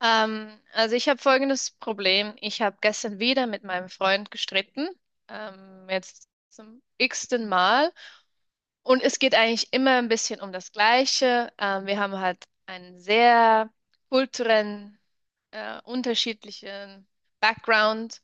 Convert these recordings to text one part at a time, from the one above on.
Also ich habe folgendes Problem. Ich habe gestern wieder mit meinem Freund gestritten, jetzt zum x-ten Mal. Und es geht eigentlich immer ein bisschen um das Gleiche. Wir haben halt einen sehr kulturellen, unterschiedlichen Background.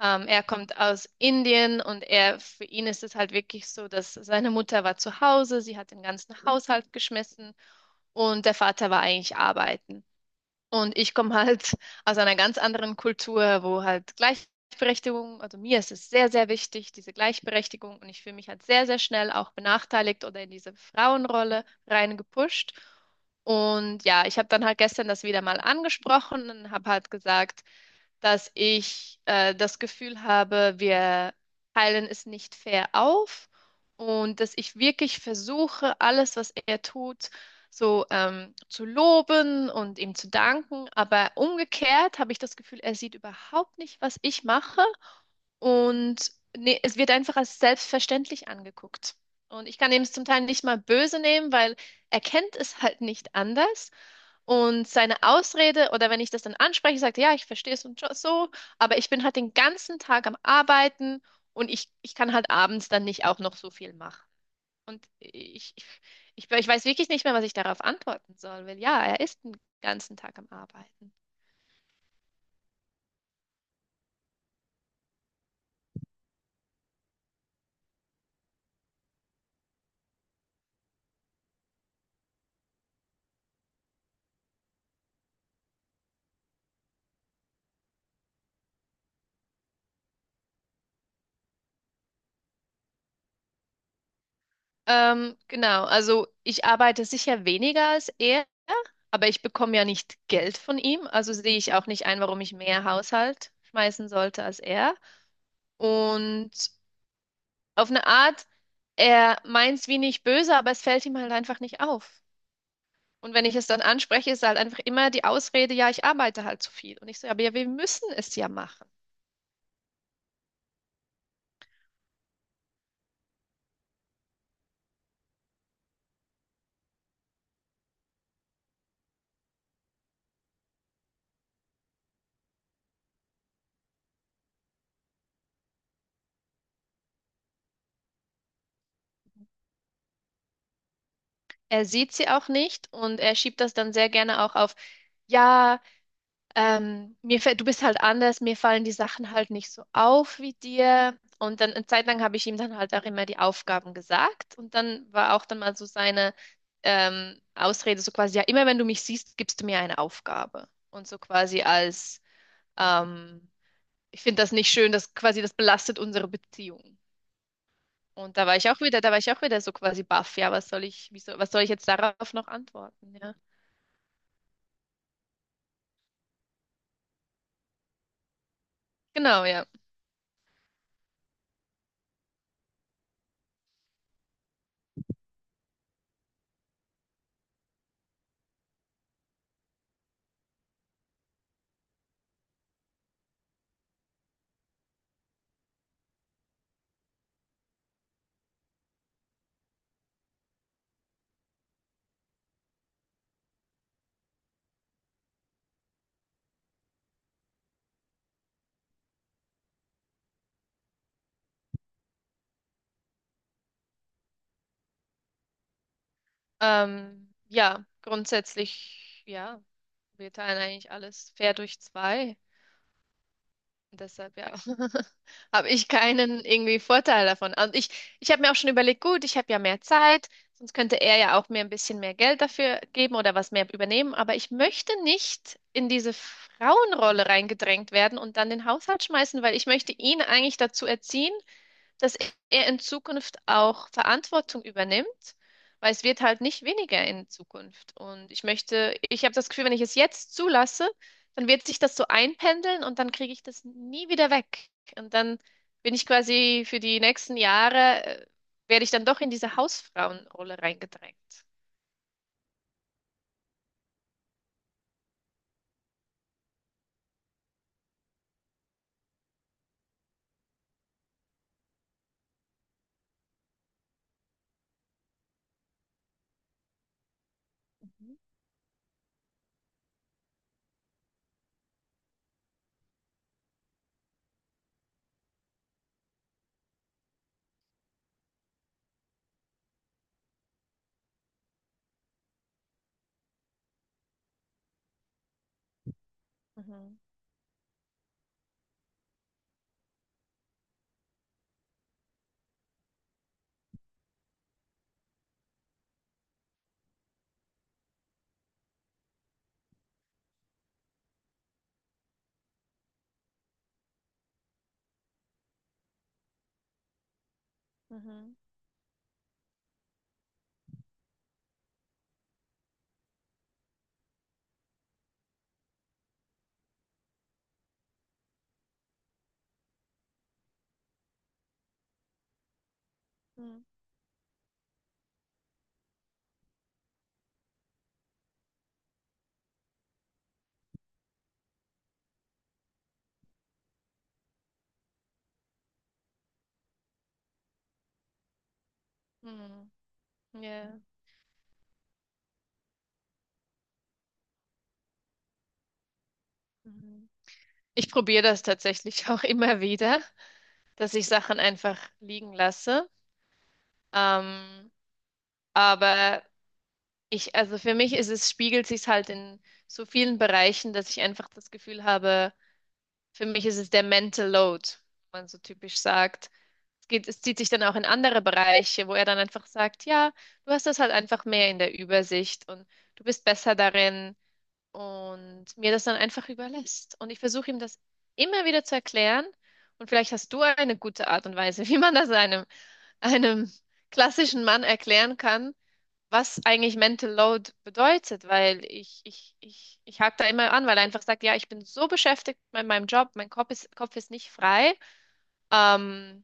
Er kommt aus Indien und er, für ihn ist es halt wirklich so, dass seine Mutter war zu Hause, sie hat den ganzen Haushalt geschmissen und der Vater war eigentlich arbeiten. Und ich komme halt aus einer ganz anderen Kultur, wo halt Gleichberechtigung, also mir ist es sehr, sehr wichtig, diese Gleichberechtigung. Und ich fühle mich halt sehr, sehr schnell auch benachteiligt oder in diese Frauenrolle reingepusht. Und ja, ich habe dann halt gestern das wieder mal angesprochen und habe halt gesagt, dass ich das Gefühl habe, wir teilen es nicht fair auf und dass ich wirklich versuche, alles, was er tut, so zu loben und ihm zu danken. Aber umgekehrt habe ich das Gefühl, er sieht überhaupt nicht, was ich mache und ne, es wird einfach als selbstverständlich angeguckt. Und ich kann ihm es zum Teil nicht mal böse nehmen, weil er kennt es halt nicht anders. Und seine Ausrede, oder wenn ich das dann anspreche, sagt er, ja, ich verstehe es und so, so, aber ich bin halt den ganzen Tag am Arbeiten und ich kann halt abends dann nicht auch noch so viel machen. Und ich weiß wirklich nicht mehr, was ich darauf antworten soll, weil ja, er ist den ganzen Tag am Arbeiten. Genau, also ich arbeite sicher weniger als er, aber ich bekomme ja nicht Geld von ihm, also sehe ich auch nicht ein, warum ich mehr Haushalt schmeißen sollte als er. Und auf eine Art, er meint es wie nicht böse, aber es fällt ihm halt einfach nicht auf. Und wenn ich es dann anspreche, ist halt einfach immer die Ausrede, ja, ich arbeite halt zu viel. Und ich so, ja, aber ja, wir müssen es ja machen. Er sieht sie auch nicht und er schiebt das dann sehr gerne auch auf, ja, mir fällt, du bist halt anders, mir fallen die Sachen halt nicht so auf wie dir. Und dann eine Zeit lang habe ich ihm dann halt auch immer die Aufgaben gesagt und dann war auch dann mal so seine Ausrede so quasi, ja, immer wenn du mich siehst, gibst du mir eine Aufgabe. Und so quasi als, ähm, ich finde das nicht schön, das quasi, das belastet unsere Beziehung. Und da war ich auch wieder, da war ich auch wieder so quasi baff, ja, was soll ich, wieso, was soll ich jetzt darauf noch antworten, ja. Genau, ja. Ja, grundsätzlich, ja, wir teilen eigentlich alles fair durch zwei. Und deshalb, ja, habe ich keinen irgendwie Vorteil davon. Und ich habe mir auch schon überlegt, gut, ich habe ja mehr Zeit, sonst könnte er ja auch mir ein bisschen mehr Geld dafür geben oder was mehr übernehmen. Aber ich möchte nicht in diese Frauenrolle reingedrängt werden und dann den Haushalt schmeißen, weil ich möchte ihn eigentlich dazu erziehen, dass er in Zukunft auch Verantwortung übernimmt, weil es wird halt nicht weniger in Zukunft. Und ich möchte, ich habe das Gefühl, wenn ich es jetzt zulasse, dann wird sich das so einpendeln und dann kriege ich das nie wieder weg. Und dann bin ich quasi für die nächsten Jahre, werde ich dann doch in diese Hausfrauenrolle reingedrängt. Mhm. Mhm. Mhm. Hm, hm, ja. Mhm. Mhm. Ich probiere das tatsächlich auch immer wieder, dass ich Sachen einfach liegen lasse. Ähm, Aber ich, also für mich ist es, spiegelt sich halt in so vielen Bereichen, dass ich einfach das Gefühl habe, für mich ist es der Mental Load, wie man so typisch sagt. Es geht, es zieht sich dann auch in andere Bereiche, wo er dann einfach sagt, ja, du hast das halt einfach mehr in der Übersicht und du bist besser darin und mir das dann einfach überlässt. Und ich versuche ihm das immer wieder zu erklären und vielleicht hast du eine gute Art und Weise, wie man das einem, einem klassischen Mann erklären kann, was eigentlich Mental Load bedeutet, weil ich hake da immer an, weil er einfach sagt, ja, ich bin so beschäftigt mit meinem Job, mein Kopf ist nicht frei, ähm,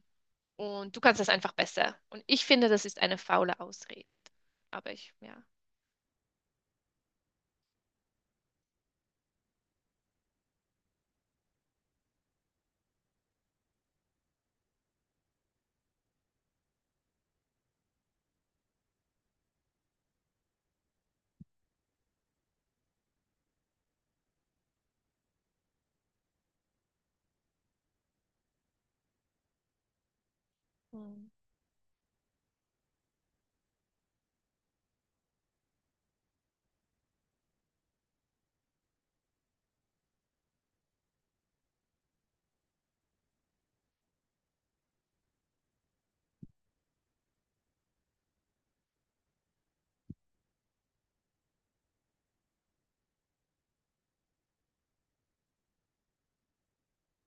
und du kannst das einfach besser. Und ich finde, das ist eine faule Ausrede. Aber ich, ja. Hm,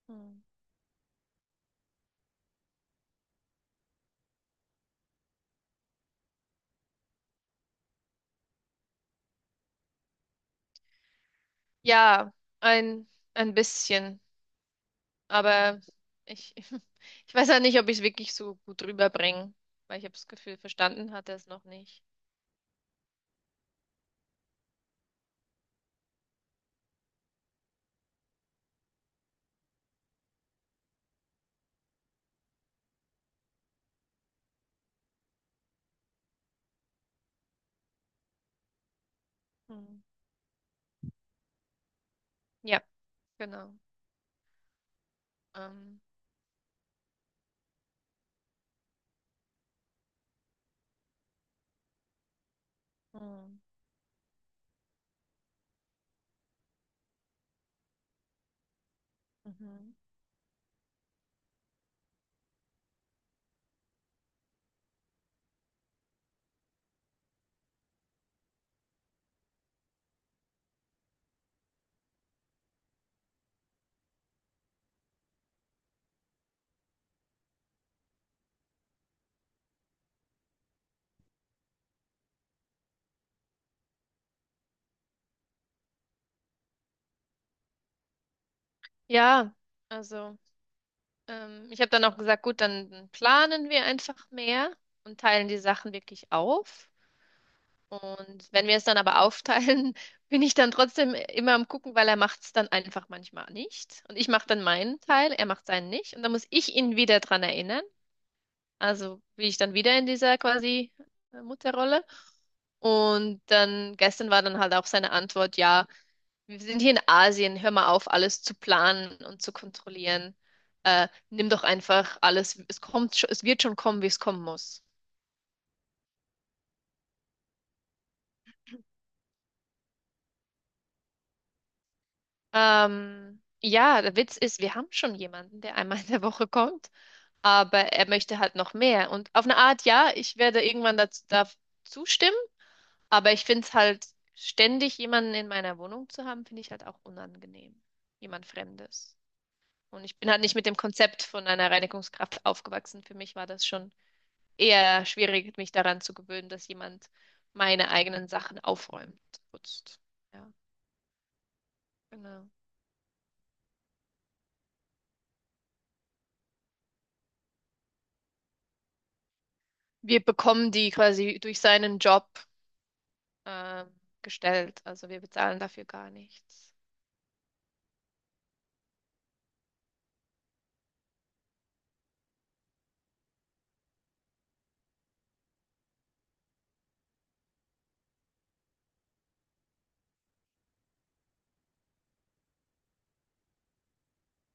hm. Ja, ein, ein bisschen. Aber ich, ich weiß ja nicht, ob ich es wirklich so gut rüberbringe, weil ich habe das Gefühl, verstanden hat er es noch nicht. Hm. Ja, genau. Ähm, hm, mhm. Ja, also ich habe dann auch gesagt, gut, dann planen wir einfach mehr und teilen die Sachen wirklich auf. Und wenn wir es dann aber aufteilen, bin ich dann trotzdem immer am Gucken, weil er macht es dann einfach manchmal nicht. Und ich mache dann meinen Teil, er macht seinen nicht. Und dann muss ich ihn wieder dran erinnern. Also bin ich dann wieder in dieser quasi Mutterrolle. Und dann gestern war dann halt auch seine Antwort, ja. Wir sind hier in Asien, hör mal auf, alles zu planen und zu kontrollieren. Nimm doch einfach alles, es kommt, es wird schon kommen, wie es kommen muss. Ja, der Witz ist, wir haben schon jemanden, der einmal in der Woche kommt, aber er möchte halt noch mehr. Und auf eine Art, ja, ich werde irgendwann dazu, da zustimmen, aber ich finde es halt, ständig jemanden in meiner Wohnung zu haben, finde ich halt auch unangenehm. Jemand Fremdes. Und ich bin halt nicht mit dem Konzept von einer Reinigungskraft aufgewachsen. Für mich war das schon eher schwierig, mich daran zu gewöhnen, dass jemand meine eigenen Sachen aufräumt, putzt. Ja, genau. Wir bekommen die quasi durch seinen Job ähm, gestellt, also wir bezahlen dafür gar nichts.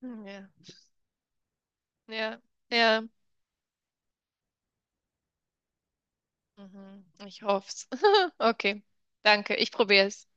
Hm, ja, ja, ja. Mhm. Ich hoff's. Okay, danke. Ich probiere es.